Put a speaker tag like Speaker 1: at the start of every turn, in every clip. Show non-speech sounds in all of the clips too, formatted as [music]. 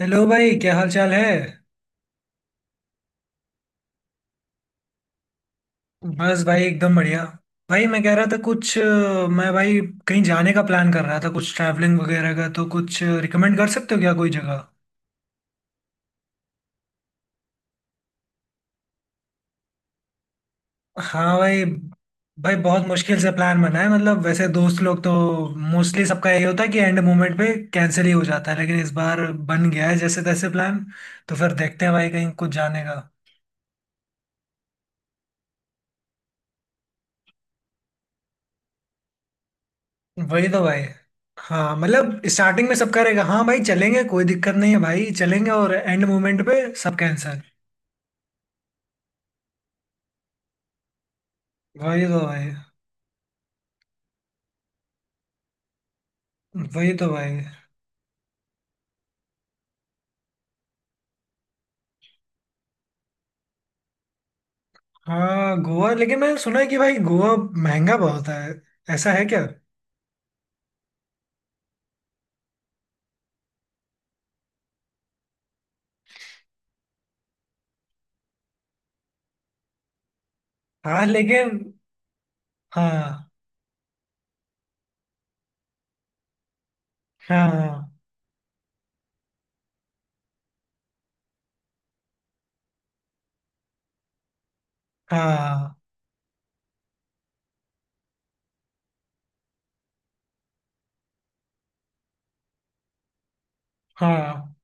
Speaker 1: Hello भाई क्या हाल चाल है। बस भाई एकदम बढ़िया। भाई मैं कह रहा था कुछ मैं भाई कहीं जाने का प्लान कर रहा था कुछ ट्रैवलिंग वगैरह का, तो कुछ रिकमेंड कर सकते हो क्या कोई जगह? हाँ भाई। भाई बहुत मुश्किल से प्लान बना है। मतलब वैसे दोस्त लोग तो मोस्टली सबका यही होता है कि एंड मोमेंट पे कैंसिल ही हो जाता है, लेकिन इस बार बन गया है जैसे तैसे प्लान। तो फिर देखते हैं भाई कहीं कुछ जाने का। वही तो भाई। हाँ मतलब स्टार्टिंग में सबका रहेगा, हाँ भाई चलेंगे कोई दिक्कत नहीं है भाई चलेंगे, और एंड मोमेंट पे सब कैंसल। वही तो भाई। वही तो भाई। हाँ गोवा, लेकिन मैंने सुना है कि भाई गोवा महंगा बहुत है। ऐसा है क्या? हाँ लेकिन। हाँ हाँ। हाँ। हाँ।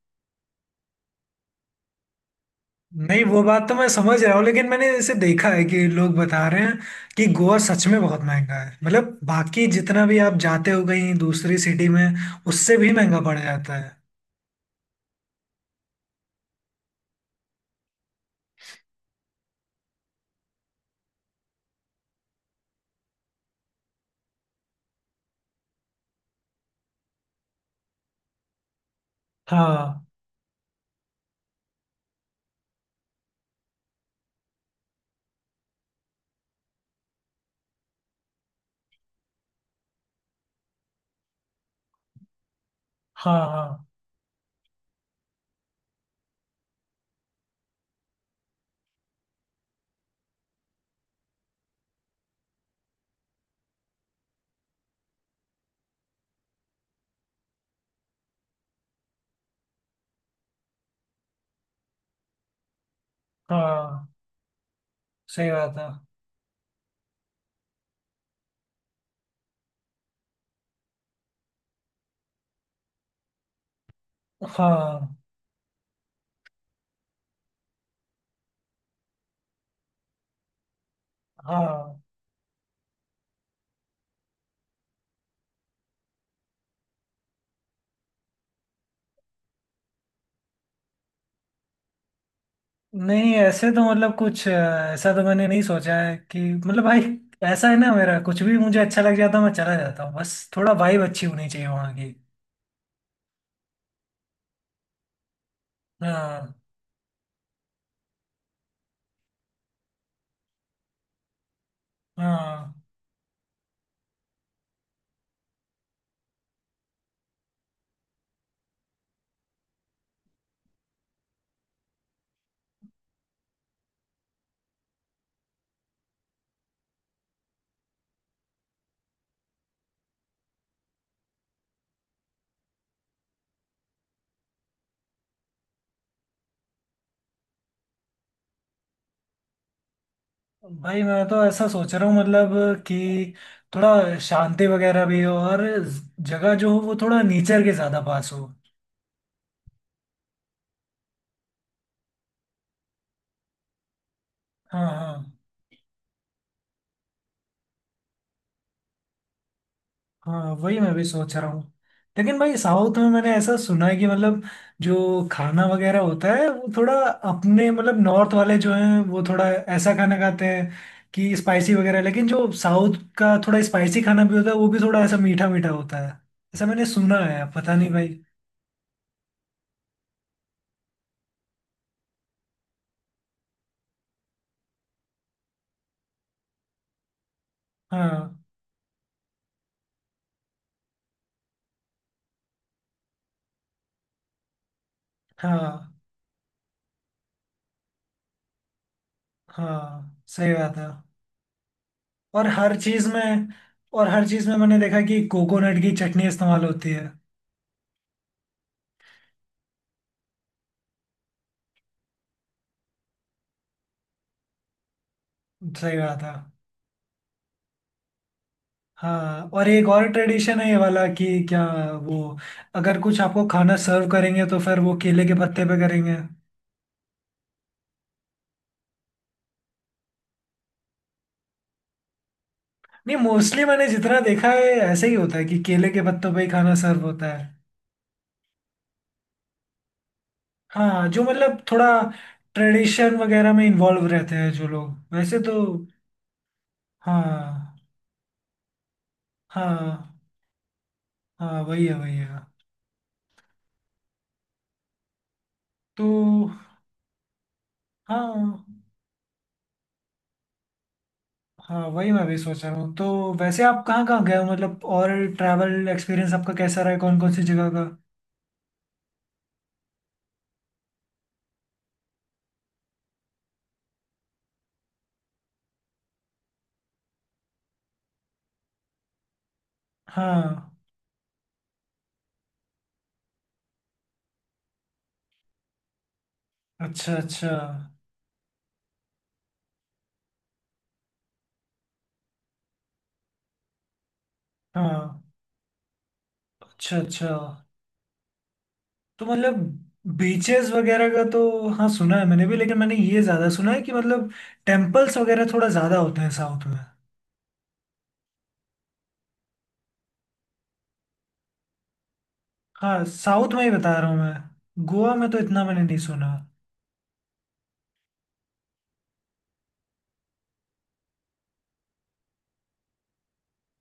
Speaker 1: नहीं वो बात तो मैं समझ रहा हूँ, लेकिन मैंने इसे देखा है कि लोग बता रहे हैं कि गोवा सच में बहुत महंगा है। मतलब बाकी जितना भी आप जाते हो कहीं दूसरी सिटी में, उससे भी महंगा पड़ जाता है। हाँ। हाँ। हाँ। हाँ। सही बात है। हाँ। हाँ। नहीं ऐसे तो मतलब कुछ ऐसा तो मैंने नहीं सोचा है कि मतलब भाई, ऐसा है ना, मेरा कुछ भी मुझे अच्छा लग जाता है मैं चला जाता हूँ। बस थोड़ा वाइब अच्छी होनी चाहिए वहाँ की। हाँ। हाँ। भाई मैं तो ऐसा सोच रहा हूँ मतलब कि थोड़ा शांति वगैरह भी हो, और जगह जो हो वो थोड़ा नेचर के ज्यादा पास हो। हाँ। हाँ। हाँ वही मैं भी सोच रहा हूँ। लेकिन भाई साउथ में मैंने ऐसा सुना है कि मतलब जो खाना वगैरह होता है वो थोड़ा अपने मतलब नॉर्थ वाले जो हैं वो थोड़ा ऐसा खाना खाते हैं कि स्पाइसी वगैरह, लेकिन जो साउथ का थोड़ा स्पाइसी खाना भी होता है वो भी थोड़ा ऐसा मीठा मीठा होता है। ऐसा मैंने सुना है, पता नहीं भाई। हाँ। हाँ। हाँ सही बात है। और हर चीज में, और हर चीज में मैंने देखा कि कोकोनट की चटनी इस्तेमाल होती है। सही बात है। हाँ, और एक और ट्रेडिशन है ये वाला कि क्या वो, अगर कुछ आपको खाना सर्व करेंगे तो फिर वो केले के पत्ते पे करेंगे। नहीं मोस्टली मैंने जितना देखा है ऐसे ही होता है कि केले के पत्तों पे ही खाना सर्व होता है। हाँ जो मतलब थोड़ा ट्रेडिशन वगैरह में इन्वॉल्व रहते हैं जो लोग वैसे तो। हाँ हाँ। हाँ वही है वही है। तो हाँ। हाँ वही मैं भी सोच रहा हूँ, तो वैसे आप कहाँ कहाँ गए हो मतलब और ट्रैवल एक्सपीरियंस आपका कैसा रहा है कौन कौन सी जगह का? हाँ। अच्छा अच्छा। हाँ। अच्छा अच्छा। तो मतलब बीचेस वगैरह का तो हाँ सुना है मैंने भी, लेकिन मैंने ये ज़्यादा सुना है कि मतलब टेम्पल्स वगैरह थोड़ा ज़्यादा होते हैं साउथ में। हाँ साउथ में ही बता रहा हूँ मैं, गोवा में तो इतना मैंने नहीं सुना।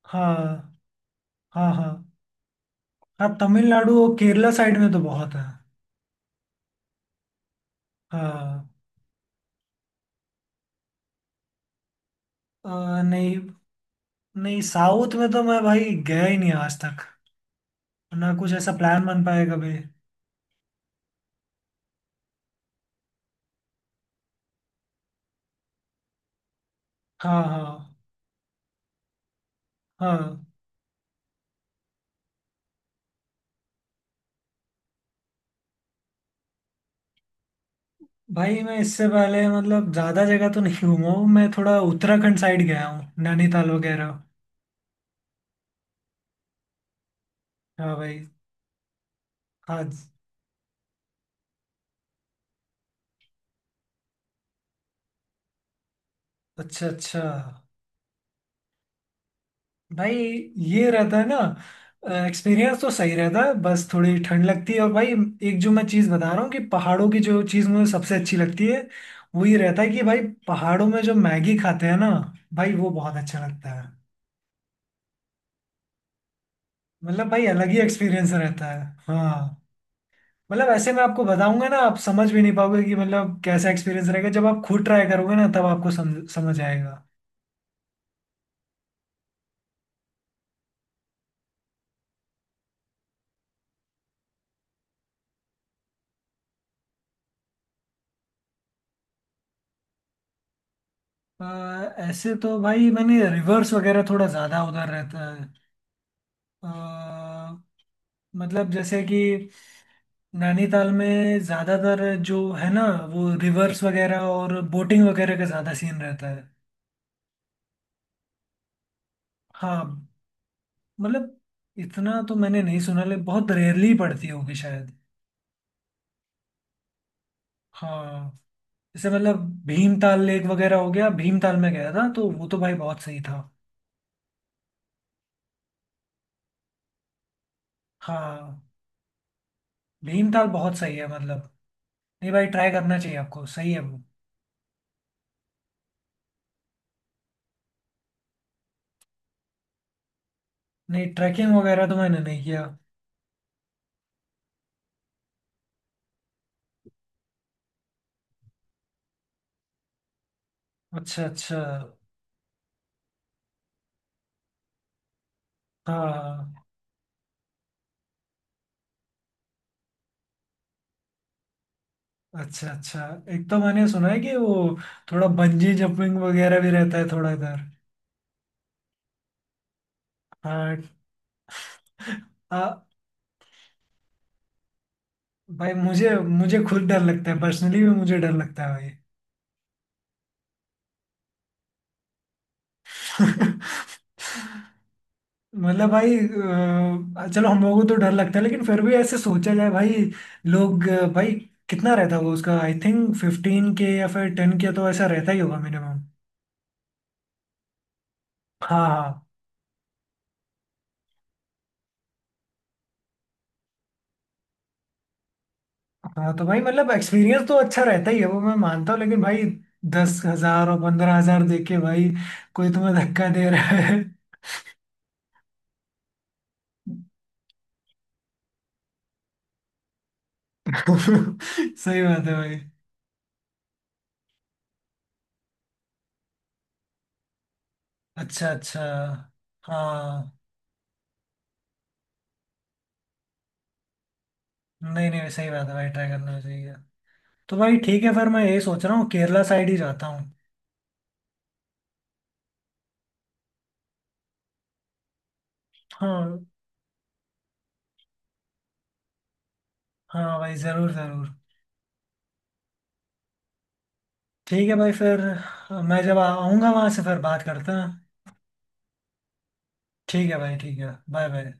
Speaker 1: हाँ। हाँ। हाँ। हाँ तमिलनाडु और केरला साइड में तो बहुत है। हाँ। नहीं। नहीं साउथ में तो मैं भाई गया ही नहीं आज तक। ना कुछ ऐसा प्लान बन पाया कभी। हाँ। हाँ। हाँ भाई मैं इससे पहले मतलब ज़्यादा जगह तो नहीं घूमा हूँ। मैं थोड़ा उत्तराखंड साइड गया हूँ, नैनीताल वगैरह। हाँ भाई। हाँ। अच्छा अच्छा। भाई ये रहता है ना, एक्सपीरियंस तो सही रहता है, बस थोड़ी ठंड लगती है। और भाई एक जो मैं चीज़ बता रहा हूँ कि पहाड़ों की जो चीज़ मुझे सबसे अच्छी लगती है वो ये रहता है कि भाई पहाड़ों में जो मैगी खाते हैं ना भाई, वो बहुत अच्छा लगता है। मतलब भाई अलग ही एक्सपीरियंस रहता है। हाँ। मतलब ऐसे मैं आपको बताऊंगा ना आप समझ भी नहीं पाओगे कि मतलब कैसा एक्सपीरियंस रहेगा। जब आप खुद ट्राई करोगे ना तब आपको समझ समझ आएगा। अ, ऐसे तो भाई मैंने रिवर्स वगैरह थोड़ा ज़्यादा उधर रहता है। अ, मतलब जैसे कि नैनीताल में ज़्यादातर जो है ना वो रिवर्स वगैरह और बोटिंग वगैरह का ज़्यादा सीन रहता है। हाँ मतलब इतना तो मैंने नहीं सुना ले, बहुत रेयरली पड़ती होगी शायद। हाँ। जैसे मतलब भीमताल लेक वगैरह हो गया। भीमताल में गया था तो वो तो भाई बहुत सही था। हाँ भीमताल बहुत सही है। मतलब नहीं भाई ट्राई करना चाहिए आपको, सही है वो। नहीं ट्रैकिंग वगैरह तो मैंने नहीं किया। अच्छा अच्छा। हाँ। अच्छा अच्छा। एक तो मैंने सुना है कि वो थोड़ा बंजी जंपिंग वगैरह भी रहता है थोड़ा इधर। हाँ। आ, भाई मुझे मुझे खुद डर लगता है, पर्सनली भी मुझे डर लगता है। भाई [laughs] मतलब भाई चलो हम लोगों को तो डर लगता है, लेकिन फिर भी ऐसे सोचा जाए भाई। लोग भाई कितना रहता होगा उसका, आई थिंक 15 के या फिर 10 के तो ऐसा रहता ही होगा मिनिमम। हाँ। हाँ। हाँ तो भाई मतलब एक्सपीरियंस तो अच्छा रहता ही है वो मैं मानता हूँ, लेकिन भाई 10,000 और 15,000 दे के भाई कोई तुम्हें धक्का दे रहा है। [laughs] सही बात है भाई। अच्छा अच्छा। हाँ। नहीं नहीं सही बात है भाई ट्राई करना चाहिए। तो भाई ठीक है फिर, मैं यही सोच रहा हूँ केरला साइड ही जाता हूँ। हाँ। हाँ भाई जरूर जरूर। ठीक है भाई फिर मैं जब आऊँगा वहां से फिर बात करते हैं। ठीक है भाई ठीक है, बाय बाय।